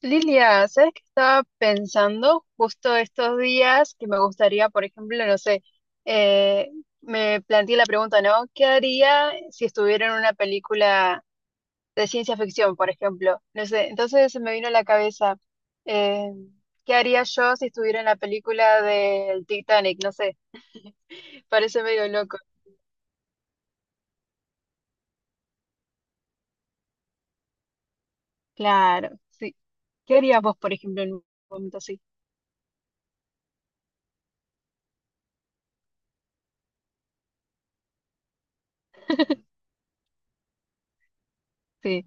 Lilia, ¿sabes qué estaba pensando justo estos días? Que me gustaría, por ejemplo, no sé, eh, me planteé la pregunta, ¿no? ¿Qué haría si estuviera en una película de ciencia ficción, por ejemplo? No sé, entonces se me vino a la cabeza, eh, ¿qué haría yo si estuviera en la película del Titanic? No sé, parece medio loco. Claro, sí. ¿Qué harías vos, por ejemplo, en un momento así? Sí,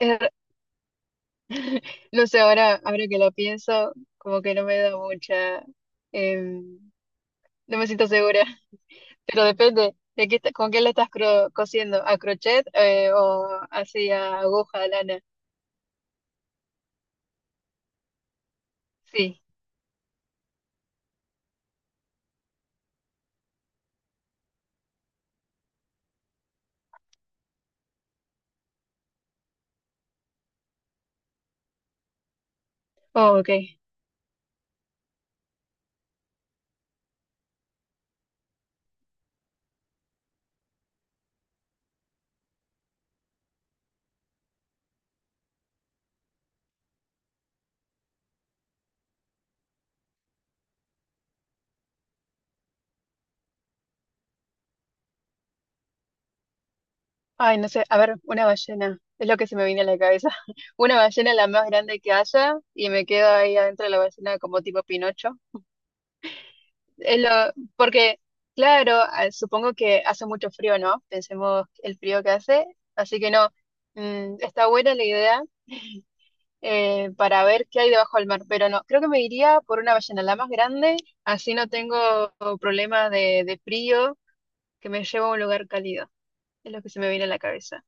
es no sé, ahora que lo pienso, como que no me da mucha, em, no me siento segura, pero depende de qué, con qué lo estás cosiendo, a crochet o así a aguja, lana. Sí, oh, ok. Ay, no sé, a ver, una ballena, es lo que se me viene a la cabeza. Una ballena la más grande que haya y me quedo ahí adentro de la ballena como tipo Pinocho. eh, lo- porque, claro, ah, supongo que hace mucho frío, ¿no? Pensemos el frío que hace, así que no, mm, está buena la idea para ver qué hay debajo del mar, pero no, creo que me iría por una ballena, la más grande, así no tengo problemas de frío que me lleva a un lugar cálido, es lo que se me viene a la cabeza.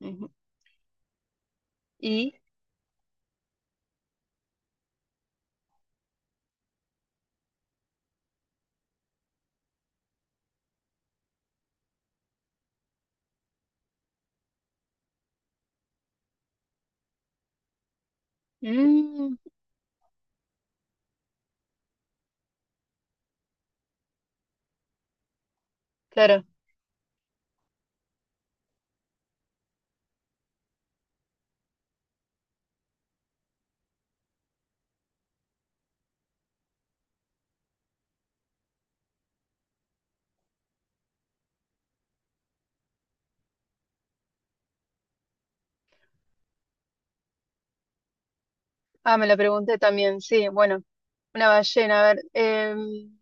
Ujú. Y, mm, claro, ah, me la pregunté también, sí, bueno, una ballena, a ver.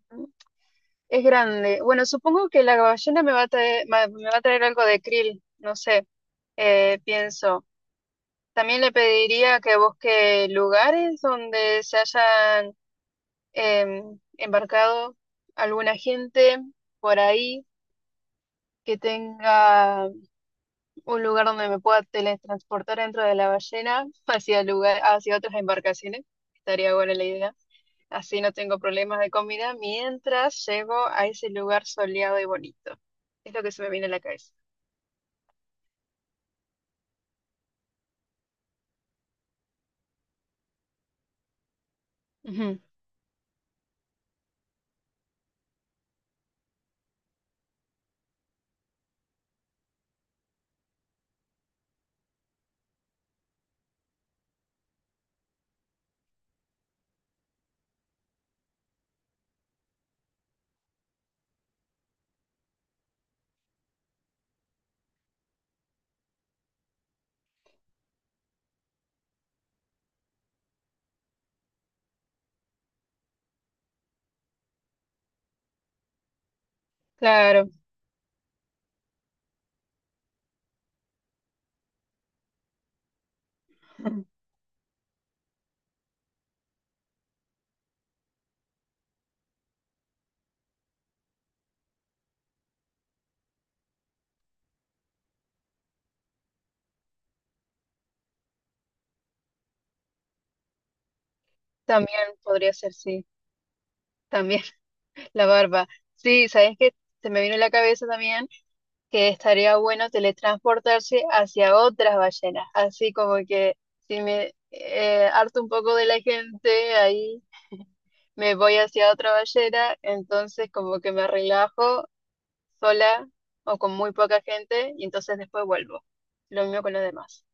Es grande. Bueno, supongo que la ballena me va a traer, me va a traer algo de krill, no sé, pienso. También le pediría que busque lugares donde se hayan embarcado alguna gente por ahí, que tenga un lugar donde me pueda teletransportar dentro de la ballena hacia lugar, hacia otras embarcaciones. Estaría buena la idea. Así no tengo problemas de comida mientras llego a ese lugar soleado y bonito. Es lo que se me viene a la cabeza. Ujú, claro, también podría ser, sí. También la barba. Sí, ¿sabes qué? Se me vino a la cabeza también que estaría bueno teletransportarse hacia otras ballenas. Así como que si me harto un poco de la gente, ahí me voy hacia otra ballena, entonces como que me relajo sola o con muy poca gente y entonces después vuelvo. Lo mismo con los demás.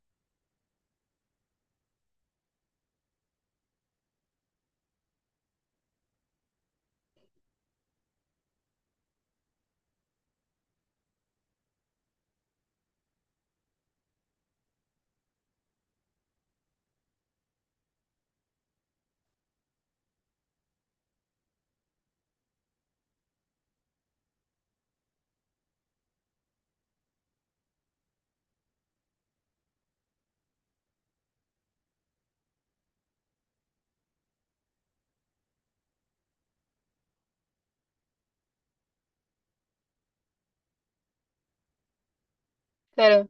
Claro,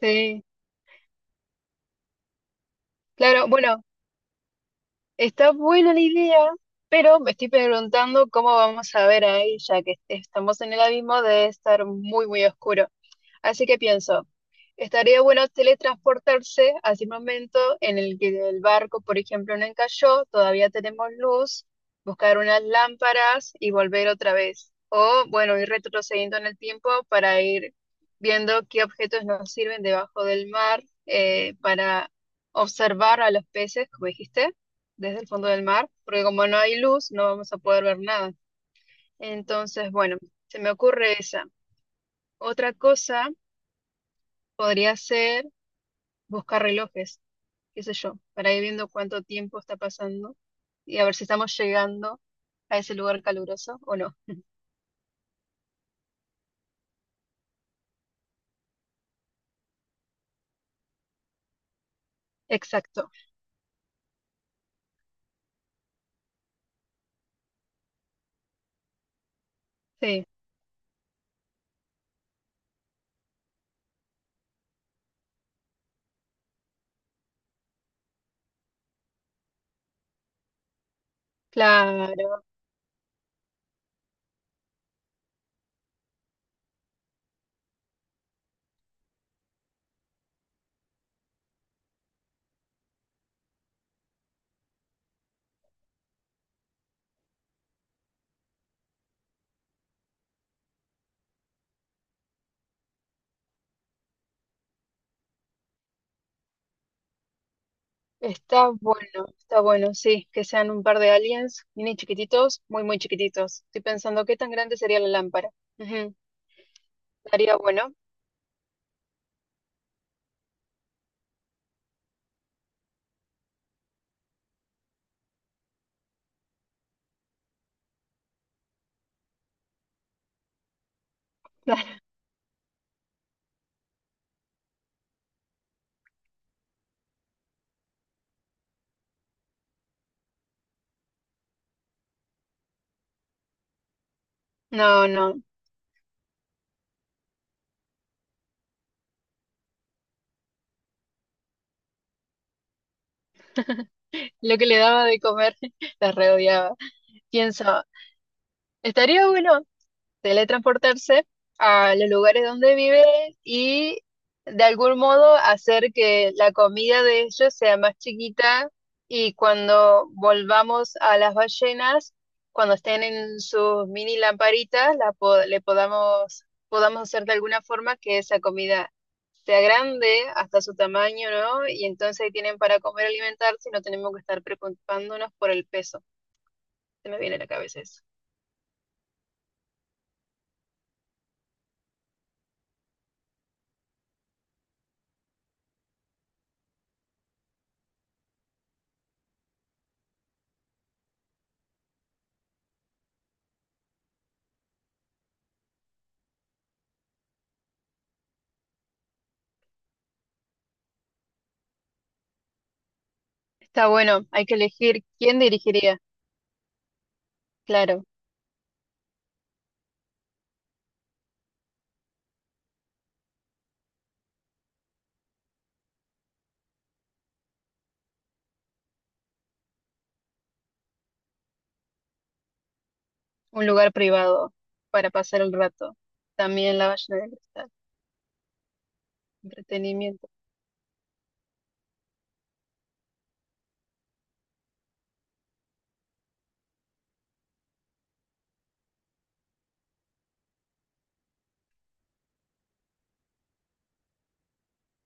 sí. Claro, bueno, está buena la idea, pero me estoy preguntando cómo vamos a ver ahí, ya que estamos en el abismo de estar muy, muy oscuro. Así que pienso, estaría bueno teletransportarse hacia un momento en el que el barco, por ejemplo, no encalló, todavía tenemos luz, buscar unas lámparas y volver otra vez. O, bueno, ir retrocediendo en el tiempo para ir viendo qué objetos nos sirven debajo del mar para observar a los peces, como dijiste, desde el fondo del mar, porque como no hay luz, no vamos a poder ver nada. Entonces, bueno, se me ocurre esa. Otra cosa podría ser buscar relojes, qué sé yo, para ir viendo cuánto tiempo está pasando y a ver si estamos llegando a ese lugar caluroso o no. Exacto, sí, claro, está bueno, sí, que sean un par de aliens, mini chiquititos, muy, muy chiquititos. Estoy pensando qué tan grande sería la lámpara. Ujú, estaría bueno. No, no, lo que le daba de comer la reodiaba. Pienso, estaría bueno teletransportarse a los lugares donde vive y de algún modo hacer que la comida de ellos sea más chiquita y cuando volvamos a las ballenas, cuando estén en sus mini lamparitas, le podamos, podamos hacer de alguna forma que esa comida sea grande hasta su tamaño, ¿no? Y entonces ahí tienen para comer, alimentarse y no tenemos que estar preocupándonos por el peso. Se me viene a la cabeza eso. Está bueno, hay que elegir quién dirigiría. Claro, un lugar privado para pasar el rato. También la Ballena del Cristal, entretenimiento.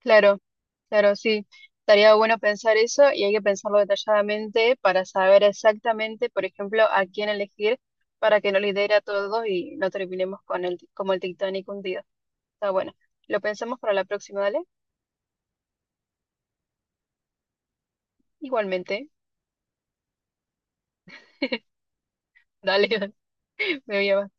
Claro, claro, sí. Estaría bueno pensar eso y hay que pensarlo detalladamente para saber exactamente, por ejemplo, a quién elegir para que no lidere a todos y no terminemos con el, como el Titanic hundido. Está bueno. Lo pensamos para la próxima, dale. Igualmente. Dale, me voy a